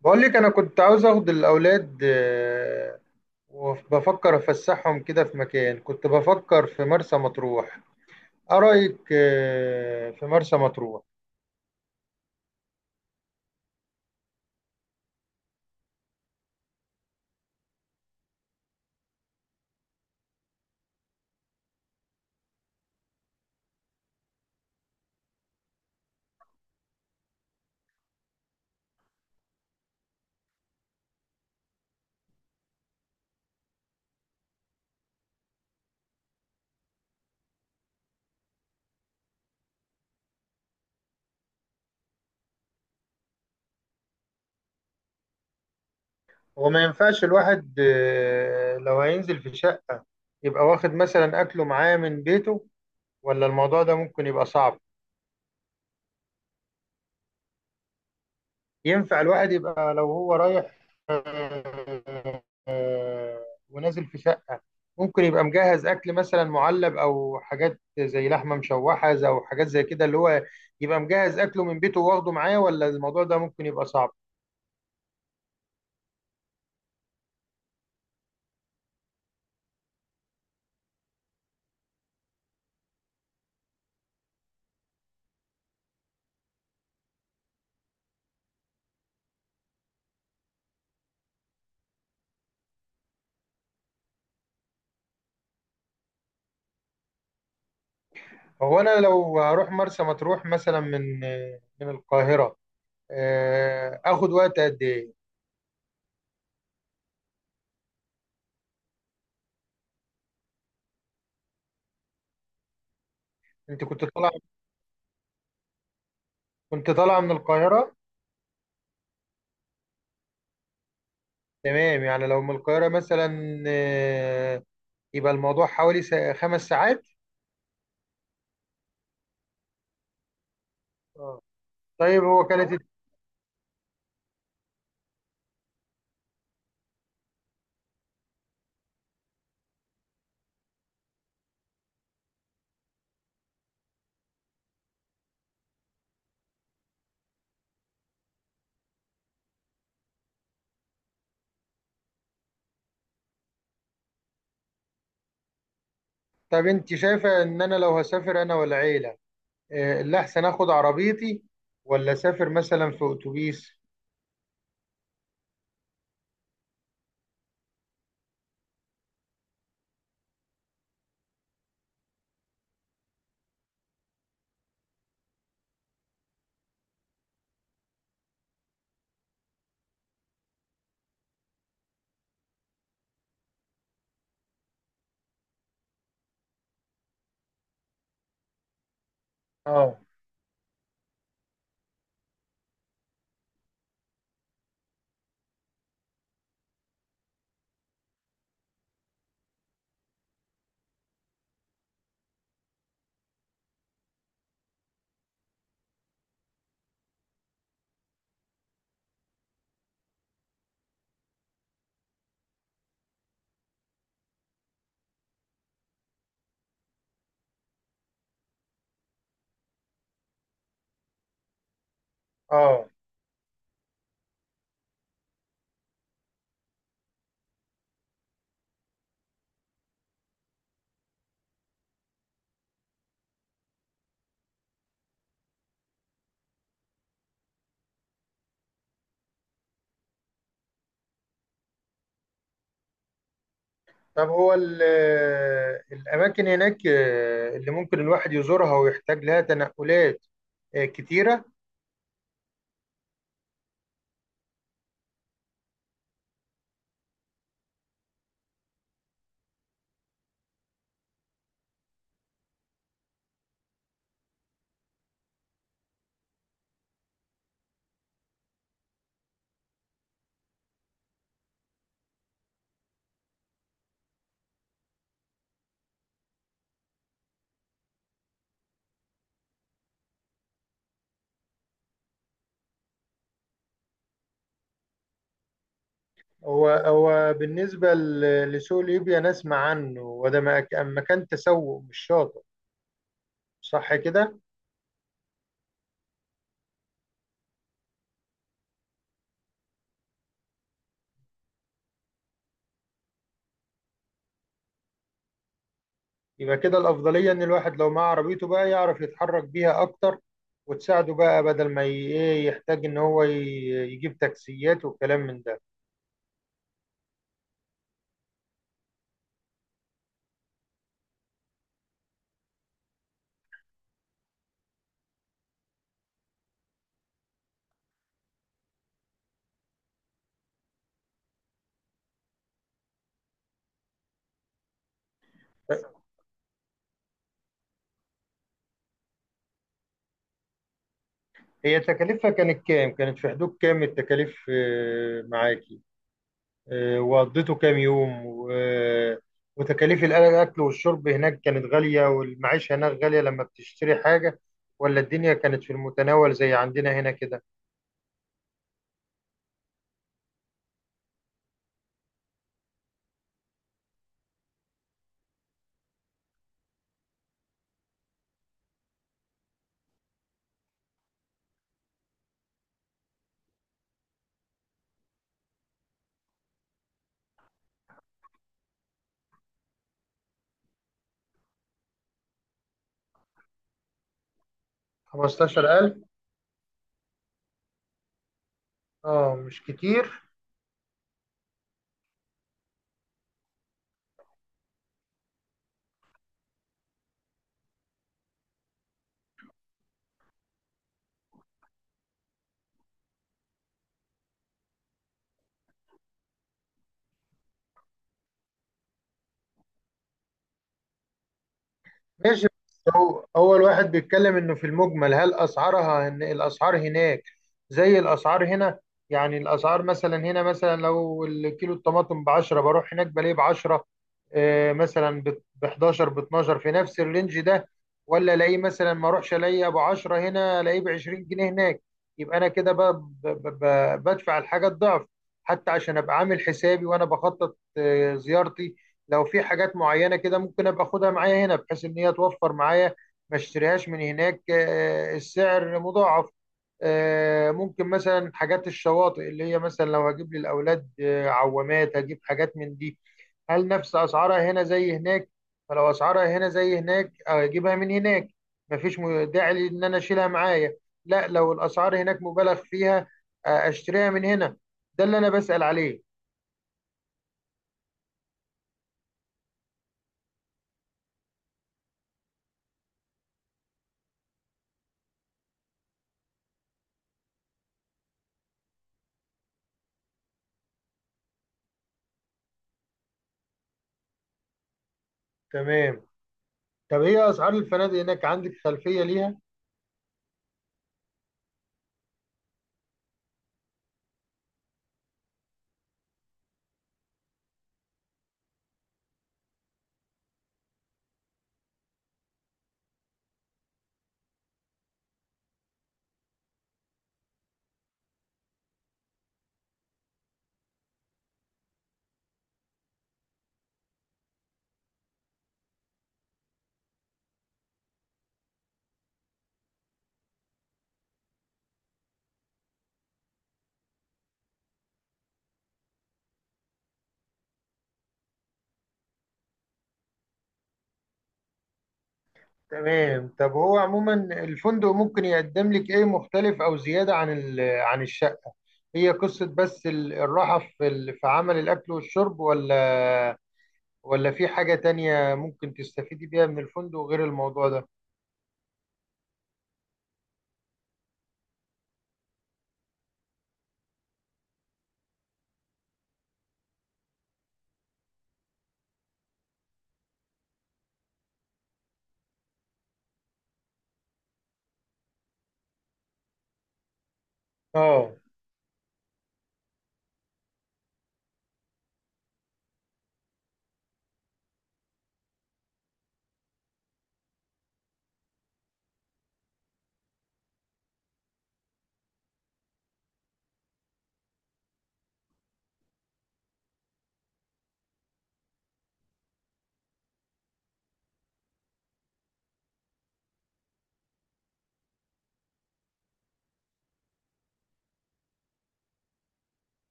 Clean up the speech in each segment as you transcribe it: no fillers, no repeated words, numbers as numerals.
بقول لك انا كنت عاوز اخد الاولاد وبفكر افسحهم كده في مكان كنت بفكر في مرسى مطروح. ايه رايك في مرسى مطروح؟ هو ما ينفعش الواحد لو هينزل في شقه يبقى واخد مثلا اكله معاه من بيته، ولا الموضوع ده ممكن يبقى صعب؟ ينفع الواحد يبقى لو هو رايح ونازل في شقة، ممكن يبقى مجهز أكل مثلا معلب أو حاجات زي لحمة مشوحة أو حاجات زي كده اللي هو يبقى مجهز أكله من بيته واخده معاه، ولا الموضوع ده ممكن يبقى صعب؟ هو أنا لو هروح مرسى مطروح مثلا من القاهرة، آخد وقت قد إيه؟ أنت كنت طالعة من القاهرة؟ تمام، يعني لو من القاهرة مثلا يبقى الموضوع حوالي 5 ساعات. طيب هو كانت. طب انت شايفه ان انا لو هسافر انا والعيله اللي احسن اخد عربيتي ولا اسافر مثلا في اتوبيس؟ اه. اه. طب هو الاماكن هناك اللي ممكن الواحد يزورها ويحتاج لها تنقلات كتيره. هو هو بالنسبه لسوق ليبيا، نسمع عنه، وده مكان تسوق مش شاطئ، صح كده؟ يبقى كده الأفضلية إن الواحد لو معاه عربيته بقى يعرف يتحرك بيها أكتر، وتساعده بقى بدل ما ي- إيه يحتاج إن هو يجيب تاكسيات والكلام من ده. هي تكاليفها كانت كام؟ كانت في حدود كام التكاليف معاكي؟ وقضيته كام يوم؟ وتكاليف الأكل والشرب هناك كانت غالية والمعيشة هناك غالية لما بتشتري حاجة، ولا الدنيا كانت في المتناول زي عندنا هنا كده؟ 15000. اه، مش كتير. ماشي، بس هو أول واحد بيتكلم إنه في المجمل، هل أسعارها، إن الأسعار هناك زي الأسعار هنا؟ يعني الأسعار مثلا هنا، مثلا لو الكيلو الطماطم ب 10، بروح هناك بلاقيه ب 10 مثلا ب 11 ب 12 في نفس الرينج ده. ولا الاقيه مثلا، ما اروحش الاقيه ب 10 هنا الاقيه ب 20 جنيه هناك، يبقى انا كده بدفع الحاجه الضعف. حتى عشان ابقى عامل حسابي وانا بخطط زيارتي، لو في حاجات معينة كده ممكن ابقى اخدها معايا هنا بحيث ان هي توفر معايا ما اشتريهاش من هناك السعر مضاعف. ممكن مثلا حاجات الشواطئ، اللي هي مثلا لو هجيب للاولاد عوامات، هجيب حاجات من دي. هل نفس اسعارها هنا زي هناك؟ فلو اسعارها هنا زي هناك اجيبها من هناك، مفيش داعي لي ان انا اشيلها معايا. لا، لو الاسعار هناك مبالغ فيها اشتريها من هنا. ده اللي انا بسأل عليه. تمام. طب ايه اسعار الفنادق هناك، عندك خلفية ليها؟ تمام. طب هو عموما الفندق ممكن يقدم لك ايه مختلف او زيادة عن الشقة؟ هي قصة بس الراحة في في عمل الاكل والشرب، ولا في حاجة تانية ممكن تستفيدي بيها من الفندق غير الموضوع ده؟ اه.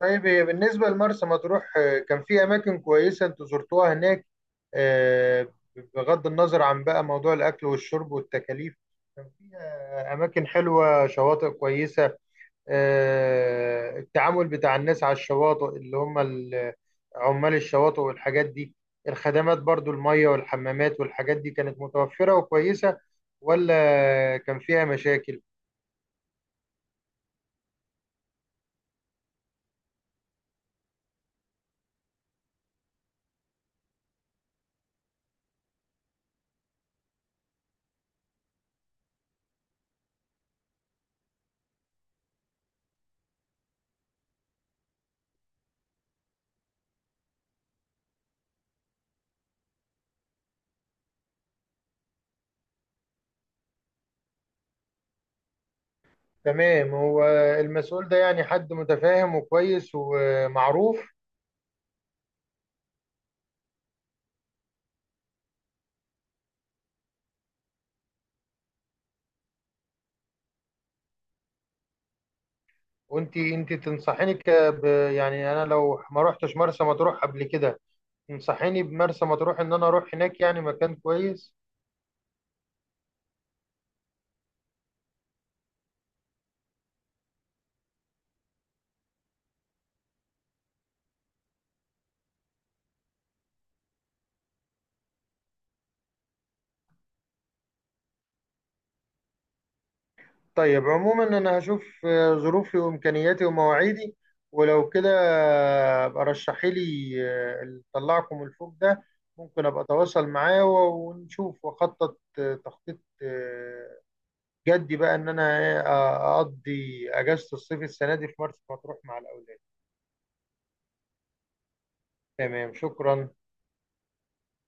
طيب، إيه بالنسبة لمرسى مطروح، كان في أماكن كويسة أنتوا زرتوها هناك؟ آه، بغض النظر عن بقى موضوع الأكل والشرب والتكاليف، كان فيها أماكن حلوة، شواطئ كويسة؟ التعامل بتاع الناس على الشواطئ اللي هم عمال الشواطئ والحاجات دي، الخدمات برضو المية والحمامات والحاجات دي كانت متوفرة وكويسة، ولا كان فيها مشاكل؟ تمام. هو المسؤول ده يعني حد متفاهم وكويس ومعروف؟ وانت تنصحيني يعني انا لو ما رحتش مرسى مطروح قبل كده، تنصحيني بمرسى مطروح ان انا اروح هناك؟ يعني مكان كويس؟ طيب، عموما انا هشوف ظروفي وامكانياتي ومواعيدي، ولو كده ابقى رشحي لي اللي طلعكم الفوق ده، ممكن ابقى اتواصل معاه ونشوف واخطط تخطيط جدي بقى ان انا اقضي اجازه الصيف السنه دي في مرسى مطروح مع الاولاد. تمام، شكرا.